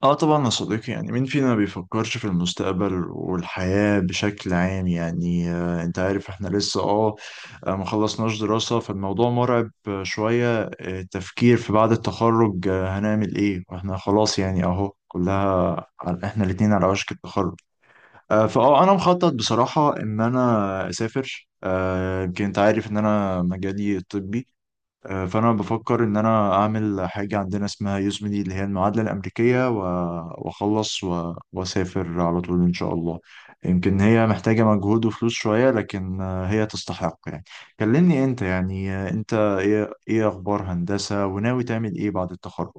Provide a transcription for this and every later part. اه طبعا يا صديقي، يعني مين فينا ما بيفكرش في المستقبل والحياة بشكل عام؟ يعني انت عارف احنا لسه ما خلصناش دراسة، فالموضوع مرعب، شوية التفكير في بعد التخرج، هنعمل ايه واحنا خلاص. يعني اهو كلها احنا الاتنين على وشك التخرج. آه فاه انا مخطط بصراحة ان انا اسافر. يمكن انت عارف ان انا مجالي الطبي. فانا بفكر ان انا اعمل حاجه عندنا اسمها يوزمني، اللي هي المعادله الامريكيه، واخلص واسافر على طول ان شاء الله. يمكن هي محتاجه مجهود وفلوس شويه، لكن هي تستحق يعني. كلمني انت، يعني انت ايه اخبار هندسه، وناوي تعمل ايه بعد التخرج؟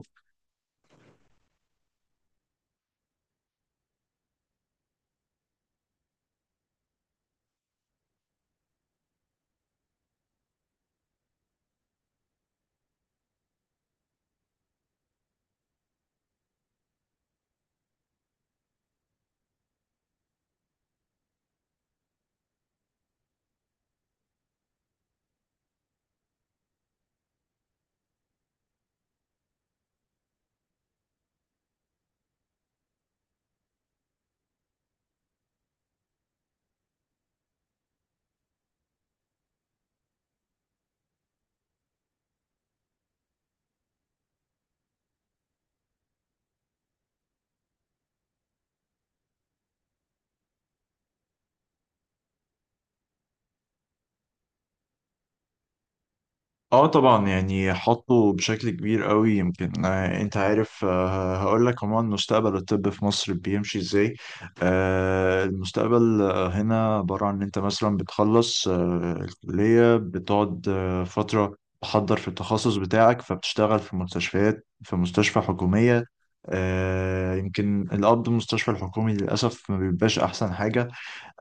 اه طبعا، يعني حطه بشكل كبير قوي. يمكن انت عارف، هقول لك عموما مستقبل الطب في مصر بيمشي ازاي. المستقبل هنا عبارة عن ان انت مثلا بتخلص الكلية، بتقعد فترة تحضر في التخصص بتاعك، فبتشتغل في مستشفيات، في مستشفى حكومية. يمكن القبض المستشفى الحكومي للأسف ما بيبقاش أحسن حاجة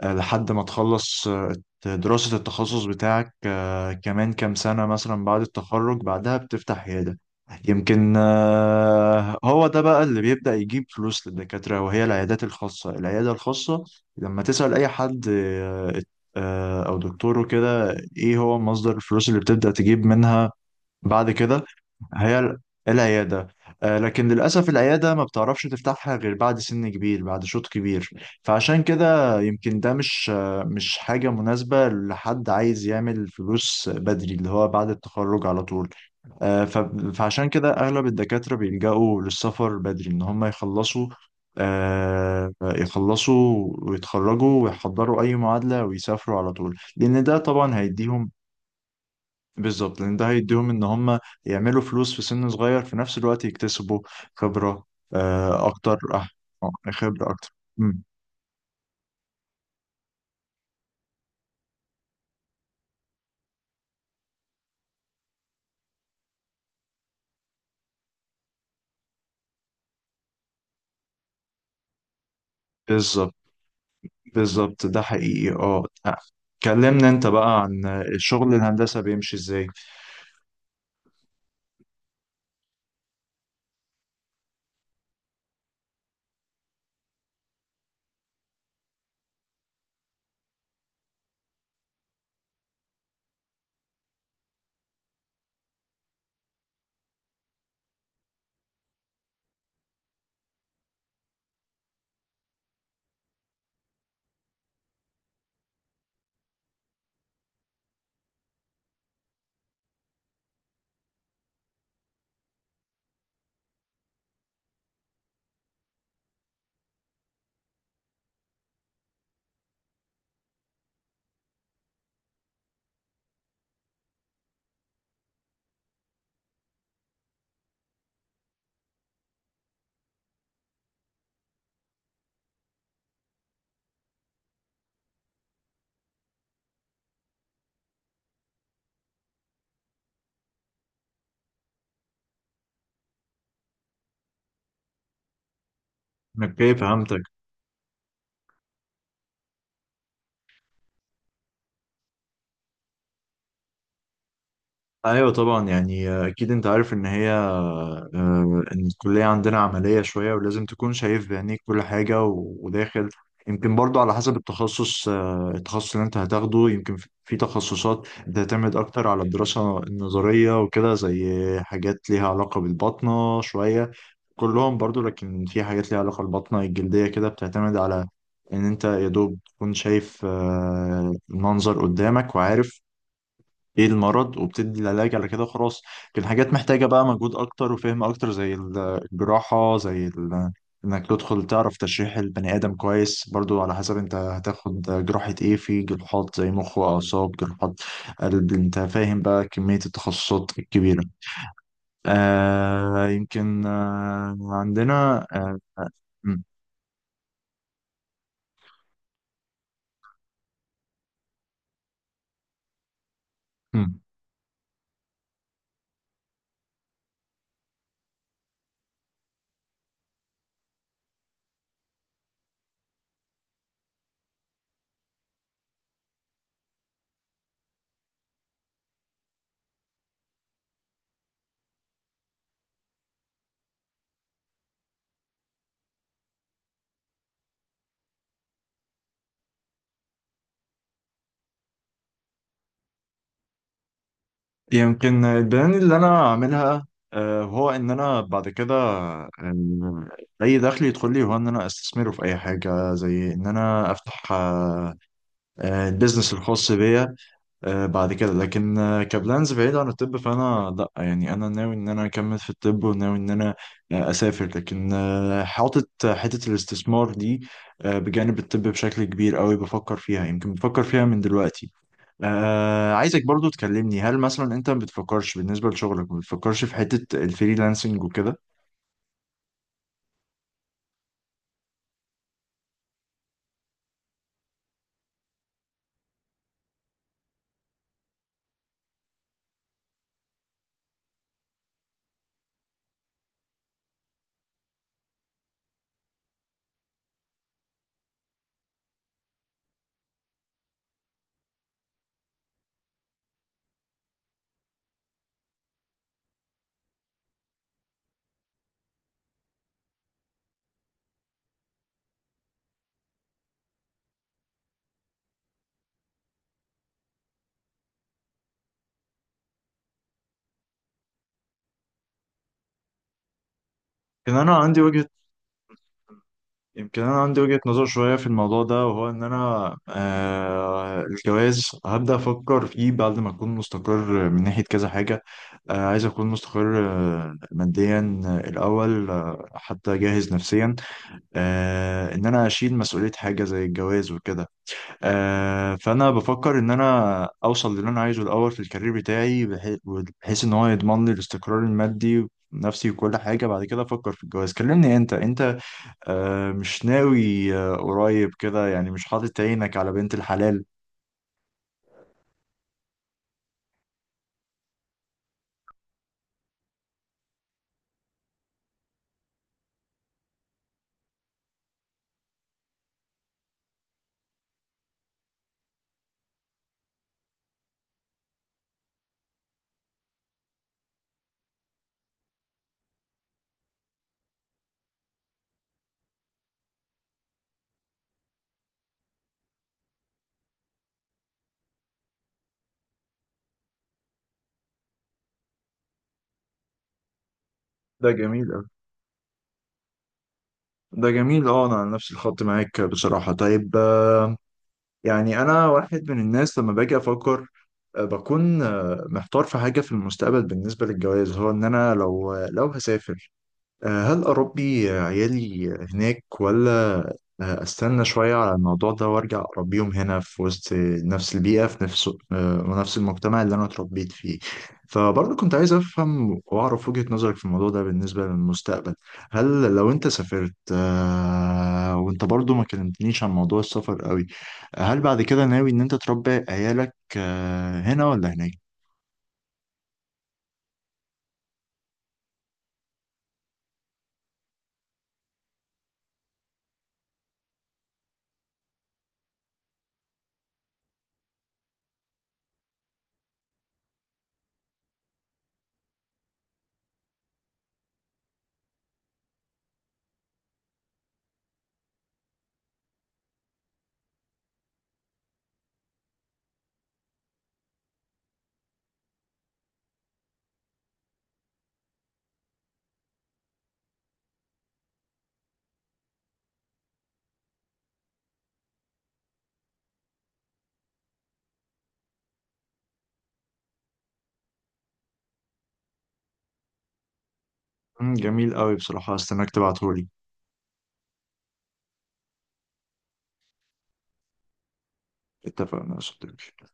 لحد ما تخلص دراسة التخصص بتاعك كمان كام سنة مثلا بعد التخرج. بعدها بتفتح عيادة. يمكن هو ده بقى اللي بيبدأ يجيب فلوس للدكاترة، وهي العيادات الخاصة، العيادة الخاصة لما تسأل أي حد أو دكتور وكده. إيه هو مصدر الفلوس اللي بتبدأ تجيب منها بعد كده؟ هي ال- العيادة. لكن للأسف العيادة ما بتعرفش تفتحها غير بعد سن كبير، بعد شوط كبير. فعشان كده يمكن ده مش مش حاجة مناسبة لحد عايز يعمل فلوس بدري، اللي هو بعد التخرج على طول. آه، ف- فعشان كده أغلب الدكاترة بيلجأوا للسفر بدري، إن هم يخلصوا، يخلصوا ويتخرجوا ويحضروا أي معادلة ويسافروا على طول، لأن ده طبعا هيديهم. بالظبط، لان ده هيديهم ان هم يعملوا فلوس في سن صغير، في نفس الوقت يكتسبوا خبرة اكتر. خبرة اكتر. مم. بالظبط. بالظبط ده حقيقي. كلمنا انت بقى عن الشغل، الهندسة بيمشي ازاي؟ اوكي، فهمتك. ايوه طبعا، يعني اكيد انت عارف ان هي ان الكليه عندنا عمليه شويه، ولازم تكون شايف بعينيك كل حاجه وداخل. يمكن برضو على حسب التخصص، التخصص اللي انت هتاخده. يمكن في تخصصات بتعتمد اكتر على الدراسه النظريه وكده، زي حاجات ليها علاقه بالباطنه شويه، كلهم برضو. لكن في حاجات ليها علاقه بالباطنه الجلديه كده بتعتمد على ان انت يا دوب تكون شايف المنظر قدامك، وعارف ايه المرض، وبتدي العلاج على كده خلاص. لكن حاجات محتاجة بقى مجهود اكتر وفهم اكتر، زي الجراحة، انك تدخل تعرف تشريح البني ادم كويس. برضو على حسب انت هتاخد جراحة ايه، في جراحات زي مخ واعصاب، جراحات قلب. انت فاهم بقى كمية التخصصات الكبيرة. آه يمكن آه عندنا آه آه، م- م. يمكن البلان اللي انا اعملها هو ان انا بعد كده اي دخل يدخل لي، هو ان انا استثمره في اي حاجه، زي ان انا افتح البيزنس الخاص بيا بعد كده. لكن كبلانز بعيد عن الطب، فانا لا، يعني انا ناوي ان انا اكمل في الطب، وناوي ان انا اسافر. لكن حاطط حته الاستثمار دي بجانب الطب بشكل كبير قوي. بفكر فيها، يمكن بفكر فيها من دلوقتي. عايزك برضو تكلمني، هل مثلا انت ما بتفكرش بالنسبه لشغلك، ما بتفكرش في حته الفريلانسنج وكده؟ كان انا عندي وجهه يمكن انا عندي وجهة نظر شوية في الموضوع ده، وهو ان انا الجواز هبدأ افكر فيه بعد ما اكون مستقر من ناحية كذا حاجة. عايز اكون مستقر ماديا الاول، حتى جاهز نفسيا ان انا اشيل مسؤولية حاجة زي الجواز وكده. فانا بفكر ان انا اوصل للي انا عايزه الاول في الكارير بتاعي، بحيث ان هو يضمن لي الاستقرار المادي، نفسي وكل حاجة. بعد كده أفكر في الجواز. كلمني أنت، مش ناوي قريب كده يعني، مش حاطط عينك على بنت الحلال؟ ده جميل أوي. ده جميل. اه انا على نفس الخط معاك بصراحة. طيب يعني انا واحد من الناس لما باجي افكر بكون محتار في حاجة في المستقبل بالنسبة للجواز، هو ان انا، لو هسافر، هل أربي عيالي هناك، ولا أستنى شوية على الموضوع ده وأرجع أربيهم هنا في وسط نفس البيئة، في نفس ونفس المجتمع اللي أنا اتربيت فيه؟ فبرضه كنت عايز أفهم وأعرف وجهة نظرك في الموضوع ده بالنسبة للمستقبل. هل لو أنت سافرت، وأنت برضه ما كلمتنيش عن موضوع السفر قوي، هل بعد كده ناوي إن أنت تربي عيالك هنا ولا هناك؟ مم، جميل قوي بصراحة. استناك تبعتهولي. اتفقنا يا صديقي.